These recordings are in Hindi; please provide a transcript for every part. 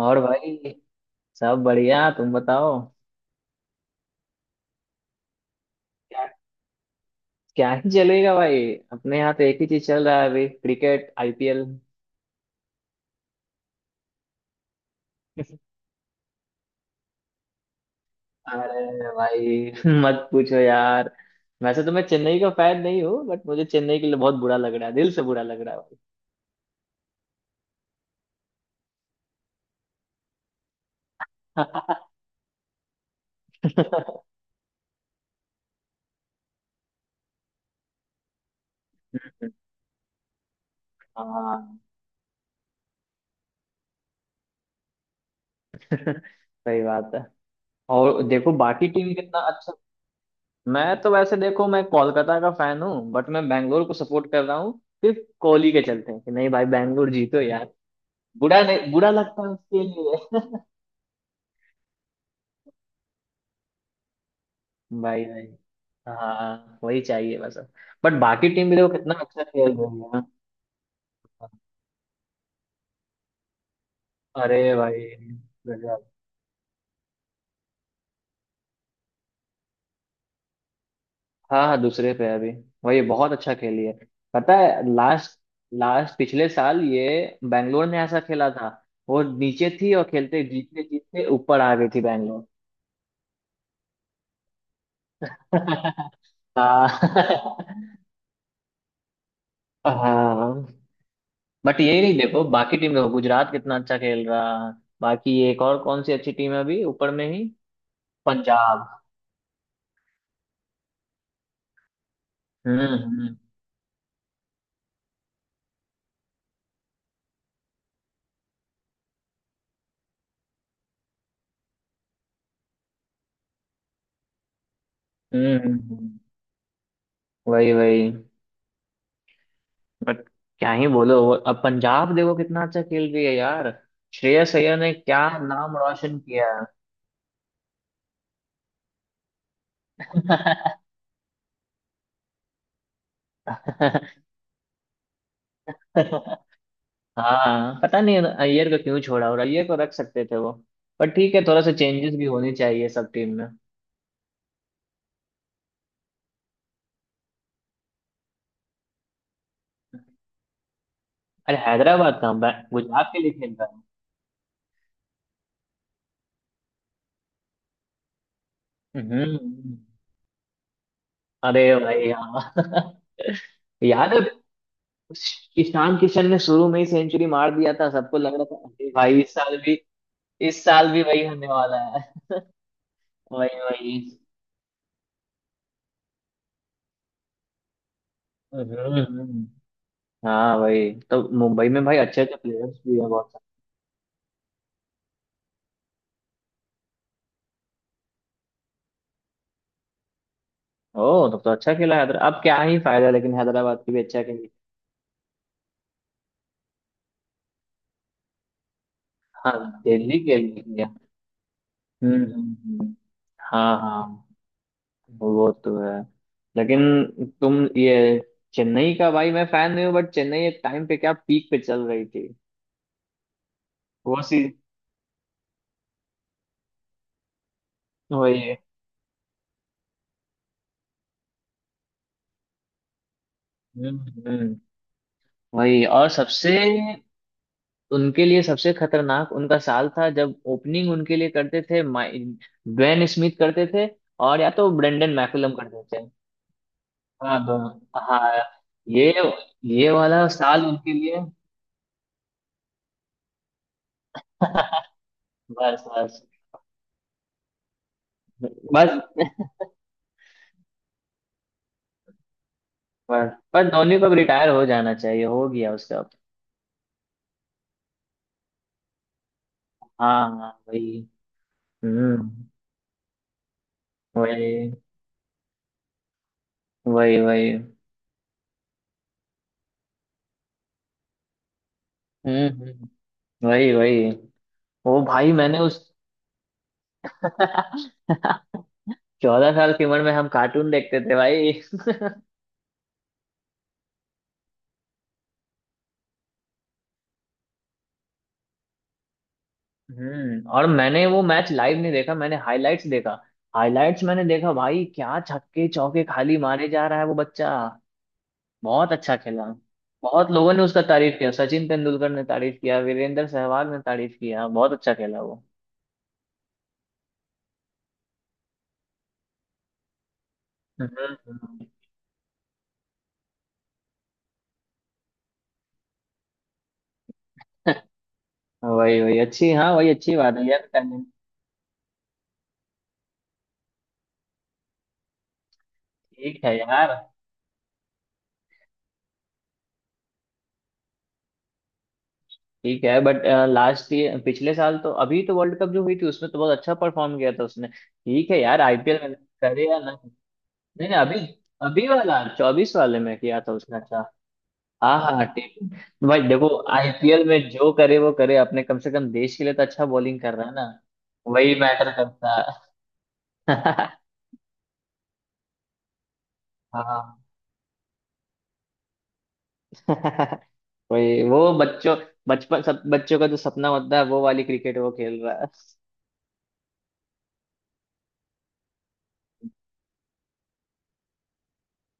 और भाई, सब बढ़िया, तुम बताओ। क्या? क्या ही चलेगा भाई। अपने यहाँ तो एक ही चीज चल रहा है अभी, क्रिकेट, आईपीएल। अरे भाई मत पूछो यार। वैसे तो मैं चेन्नई का फैन नहीं हूँ बट मुझे चेन्नई के लिए बहुत बुरा लग रहा है, दिल से बुरा लग रहा है भाई। हाँ। सही बात है। और देखो बाकी टीम कितना अच्छा। मैं तो वैसे देखो, मैं कोलकाता का फैन हूँ बट मैं बैंगलोर को सपोर्ट कर रहा हूँ, सिर्फ कोहली के चलते हैं कि नहीं भाई बैंगलोर जीतो। बुरा नहीं, बुरा लगता है उसके लिए। भाई भाई। हाँ वही चाहिए बस। बट बाकी टीम भी देखो कितना अच्छा खेल रही है ना। अरे भाई गजब। हाँ हाँ, दूसरे पे है अभी। वही बहुत अच्छा खेली है। पता है लास्ट, लास्ट पिछले साल ये बैंगलोर ने ऐसा खेला था, वो नीचे थी और खेलते जीतते जीतते ऊपर आ गई थी बैंगलोर। हाँ हाँ। बट यही नहीं, देखो बाकी टीम देखो, गुजरात कितना अच्छा खेल रहा है। बाकी एक और कौन सी अच्छी टीम है अभी ऊपर में ही? पंजाब। हम्म। हम्म। वही वही। बट क्या ही बोलो अब पंजाब देखो कितना अच्छा खेल रही है यार, श्रेयस अय्यर ने क्या नाम रोशन किया। हाँ, पता नहीं अय्यर को क्यों छोड़ा, और अय्यर को रख सकते थे वो। पर ठीक है, थोड़ा सा चेंजेस भी होने चाहिए सब टीम में। अरे हैदराबाद का, गुजरात के लिए खेल रहा है। हम्म हम्म, हम्म। अरे भाई हाँ याद है। ईशान किशन ने शुरू में ही सेंचुरी मार दिया था, सबको लग रहा था अरे भाई इस साल भी, इस साल भी वही होने वाला है। वही वही। हम्म, हम्म। हाँ भाई, तो मुंबई में भाई अच्छे अच्छे प्लेयर्स भी है बहुत सारे। ओ तब तो अच्छा खेला हैदराबाद, अब क्या ही फायदा, लेकिन हैदराबाद की भी अच्छा खेली। हाँ, दिल्ली खेल रही है। हम्म हम्म, हम्म। हाँ हाँ, वो तो है। लेकिन तुम ये, चेन्नई का भाई मैं फैन नहीं हूँ बट चेन्नई एक टाइम पे क्या पीक पे चल रही थी। वो सी, वही है। हम्म हम्म, वही और सबसे, उनके लिए सबसे खतरनाक उनका साल था जब ओपनिंग उनके लिए करते थे ड्वेन स्मिथ करते थे, और या तो ब्रेंडन मैकुलम करते थे। हाँ दोनों। हाँ। ये ये वाला साल उनके लिए। बस बस। बस बस, पर धोनी को अब रिटायर हो जाना चाहिए, हो गया उसका। हाँ हाँ, वही। हम्म, वही वही। वही। हम्म हम्म, वही वही। ओ भाई, मैंने उस 14 साल की उम्र में हम कार्टून देखते थे भाई। और मैंने वो मैच लाइव नहीं देखा, मैंने हाइलाइट्स देखा। हाइलाइट्स मैंने देखा भाई, क्या छक्के चौके खाली मारे जा रहा है वो बच्चा। बहुत अच्छा खेला। बहुत लोगों ने उसका तारीफ किया, सचिन तेंदुलकर ने तारीफ किया, वीरेंद्र सहवाग ने तारीफ किया, बहुत अच्छा खेला वो। हम्म हम्म। वही वही अच्छी, हाँ वही अच्छी बात है यार, टैलेंट। ठीक है यार। ठीक है बट लास्ट, ये पिछले साल तो अभी तो वर्ल्ड कप जो हुई थी उसमें तो बहुत अच्छा परफॉर्म किया था उसने, ठीक है यार आईपीएल में करे या ना। नहीं नहीं अभी, अभी वाला 24 वाले में किया था उसने अच्छा। हाँ हाँ, ठीक है। भाई देखो, आईपीएल में जो करे वो करे, अपने कम से कम देश के लिए तो अच्छा बॉलिंग कर रहा है ना। वही मैटर करता है। हाँ वही, वो बच्चों, बचपन सब बच्चों का जो सपना होता है वो वाली क्रिकेट वो खेल रहा है।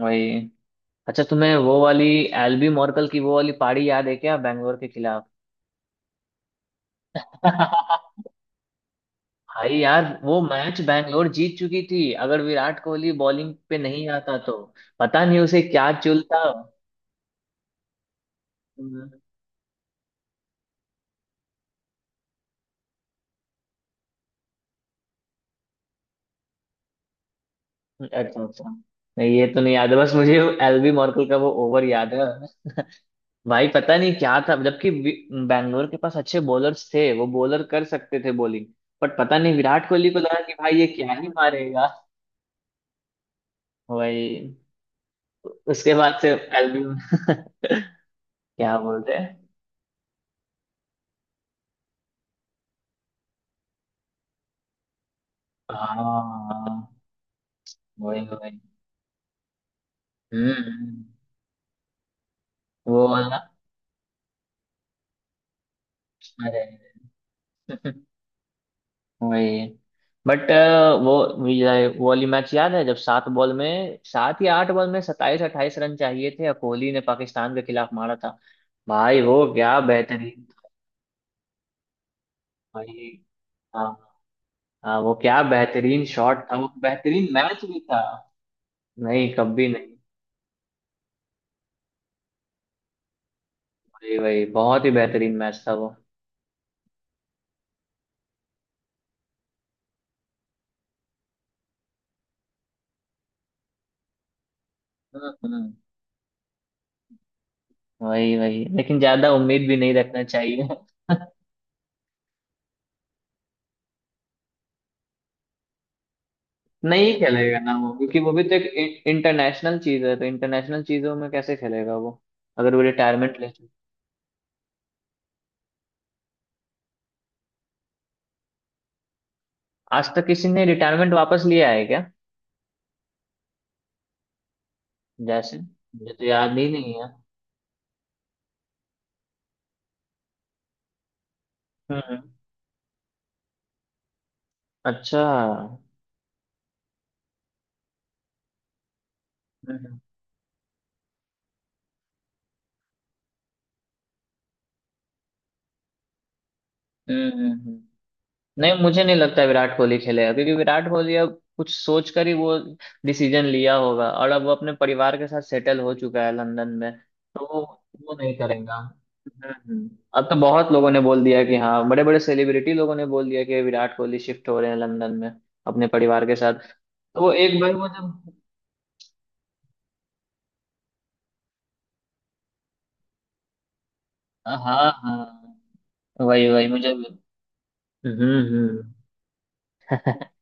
वही। अच्छा तुम्हें वो वाली, एल्बी मॉर्कल की वो वाली पारी याद है क्या, बैंगलोर के खिलाफ? भाई यार वो मैच बैंगलोर जीत चुकी थी, अगर विराट कोहली बॉलिंग पे नहीं आता तो। पता नहीं उसे क्या चूलता। हम्म। अच्छा अच्छा, नहीं ये तो नहीं याद है, बस मुझे एलबी मॉर्कल का वो ओवर याद है। भाई पता नहीं क्या था, जबकि बैंगलोर के पास अच्छे बॉलर्स थे, वो बॉलर कर सकते थे बॉलिंग, बट पता नहीं विराट कोहली को लगा कि भाई ये क्या ही मारेगा। वही। उसके बाद से, एल्बम क्या बोलते हैं। हाँ वही वही। हम्म वो वाला। अरे वही। बट वो ये वो वाली मैच याद है जब 7 बॉल में, 7 या 8 बॉल में 27 28 रन चाहिए थे और कोहली ने पाकिस्तान के खिलाफ मारा था? भाई वो क्या बेहतरीन था। भाई हाँ हाँ, वो क्या बेहतरीन शॉट था, वो बेहतरीन मैच भी था। नहीं, कभी नहीं। वही वही, बहुत ही बेहतरीन मैच था वो। हम्म हम्म। वही वही, लेकिन ज्यादा उम्मीद भी नहीं रखना चाहिए। नहीं खेलेगा ना वो, क्योंकि वो भी तो एक इंटरनेशनल चीज है, तो इंटरनेशनल चीजों में कैसे खेलेगा वो, अगर वो रिटायरमेंट ले चुका। आज तक किसी ने रिटायरमेंट वापस लिया है क्या? जैसे मुझे तो याद ही नहीं है। हम्म, अच्छा हम्म। हम्म हम्म, हम्म, हम्म। नहीं मुझे नहीं लगता विराट कोहली खेलेगा, क्योंकि विराट कोहली अब कुछ सोच कर ही वो डिसीजन लिया होगा, और अब वो अपने परिवार के साथ सेटल हो चुका है लंदन में। तो वो नहीं करेगा। हम्म। अब तो बहुत लोगों ने बोल दिया कि हाँ, बड़े बड़े सेलिब्रिटी लोगों ने बोल दिया कि विराट कोहली शिफ्ट हो रहे हैं लंदन में, अपने परिवार के साथ। तो वो एक बार वो जब। हाँ हाँ वही वही, मुझे भी। हम्म।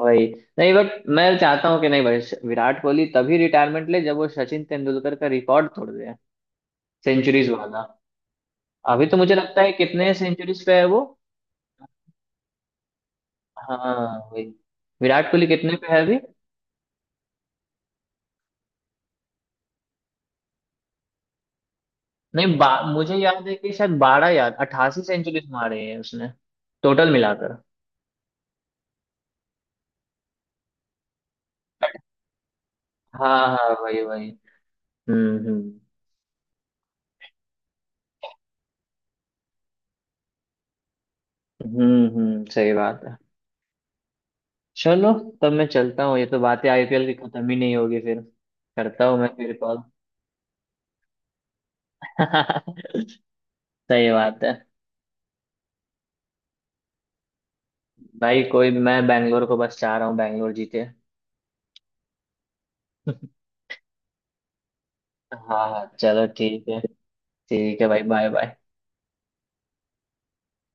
वही। नहीं बट मैं चाहता हूँ कि नहीं भाई, विराट कोहली तभी रिटायरमेंट ले जब वो सचिन तेंदुलकर का रिकॉर्ड तोड़ दे, सेंचुरीज वाला। अभी तो मुझे लगता है कितने सेंचुरीज पे है वो? हाँ वही। विराट कोहली कितने पे है अभी? नहीं बा, मुझे याद है कि शायद 12 याद 88 सेंचुरीज मारे हैं उसने, टोटल मिलाकर। हाँ हाँ वही वही। हम्म। हम्म, सही बात है। चलो, तब मैं चलता हूँ, ये तो बातें आईपीएल की खत्म ही नहीं होगी फिर। करता हूँ मैं फिर कॉल। सही बात है। भाई कोई, मैं बैंगलोर को बस चाह रहा हूँ, बैंगलोर जीते। हाँ हाँ चलो ठीक है। ठीक है भाई, बाय बाय।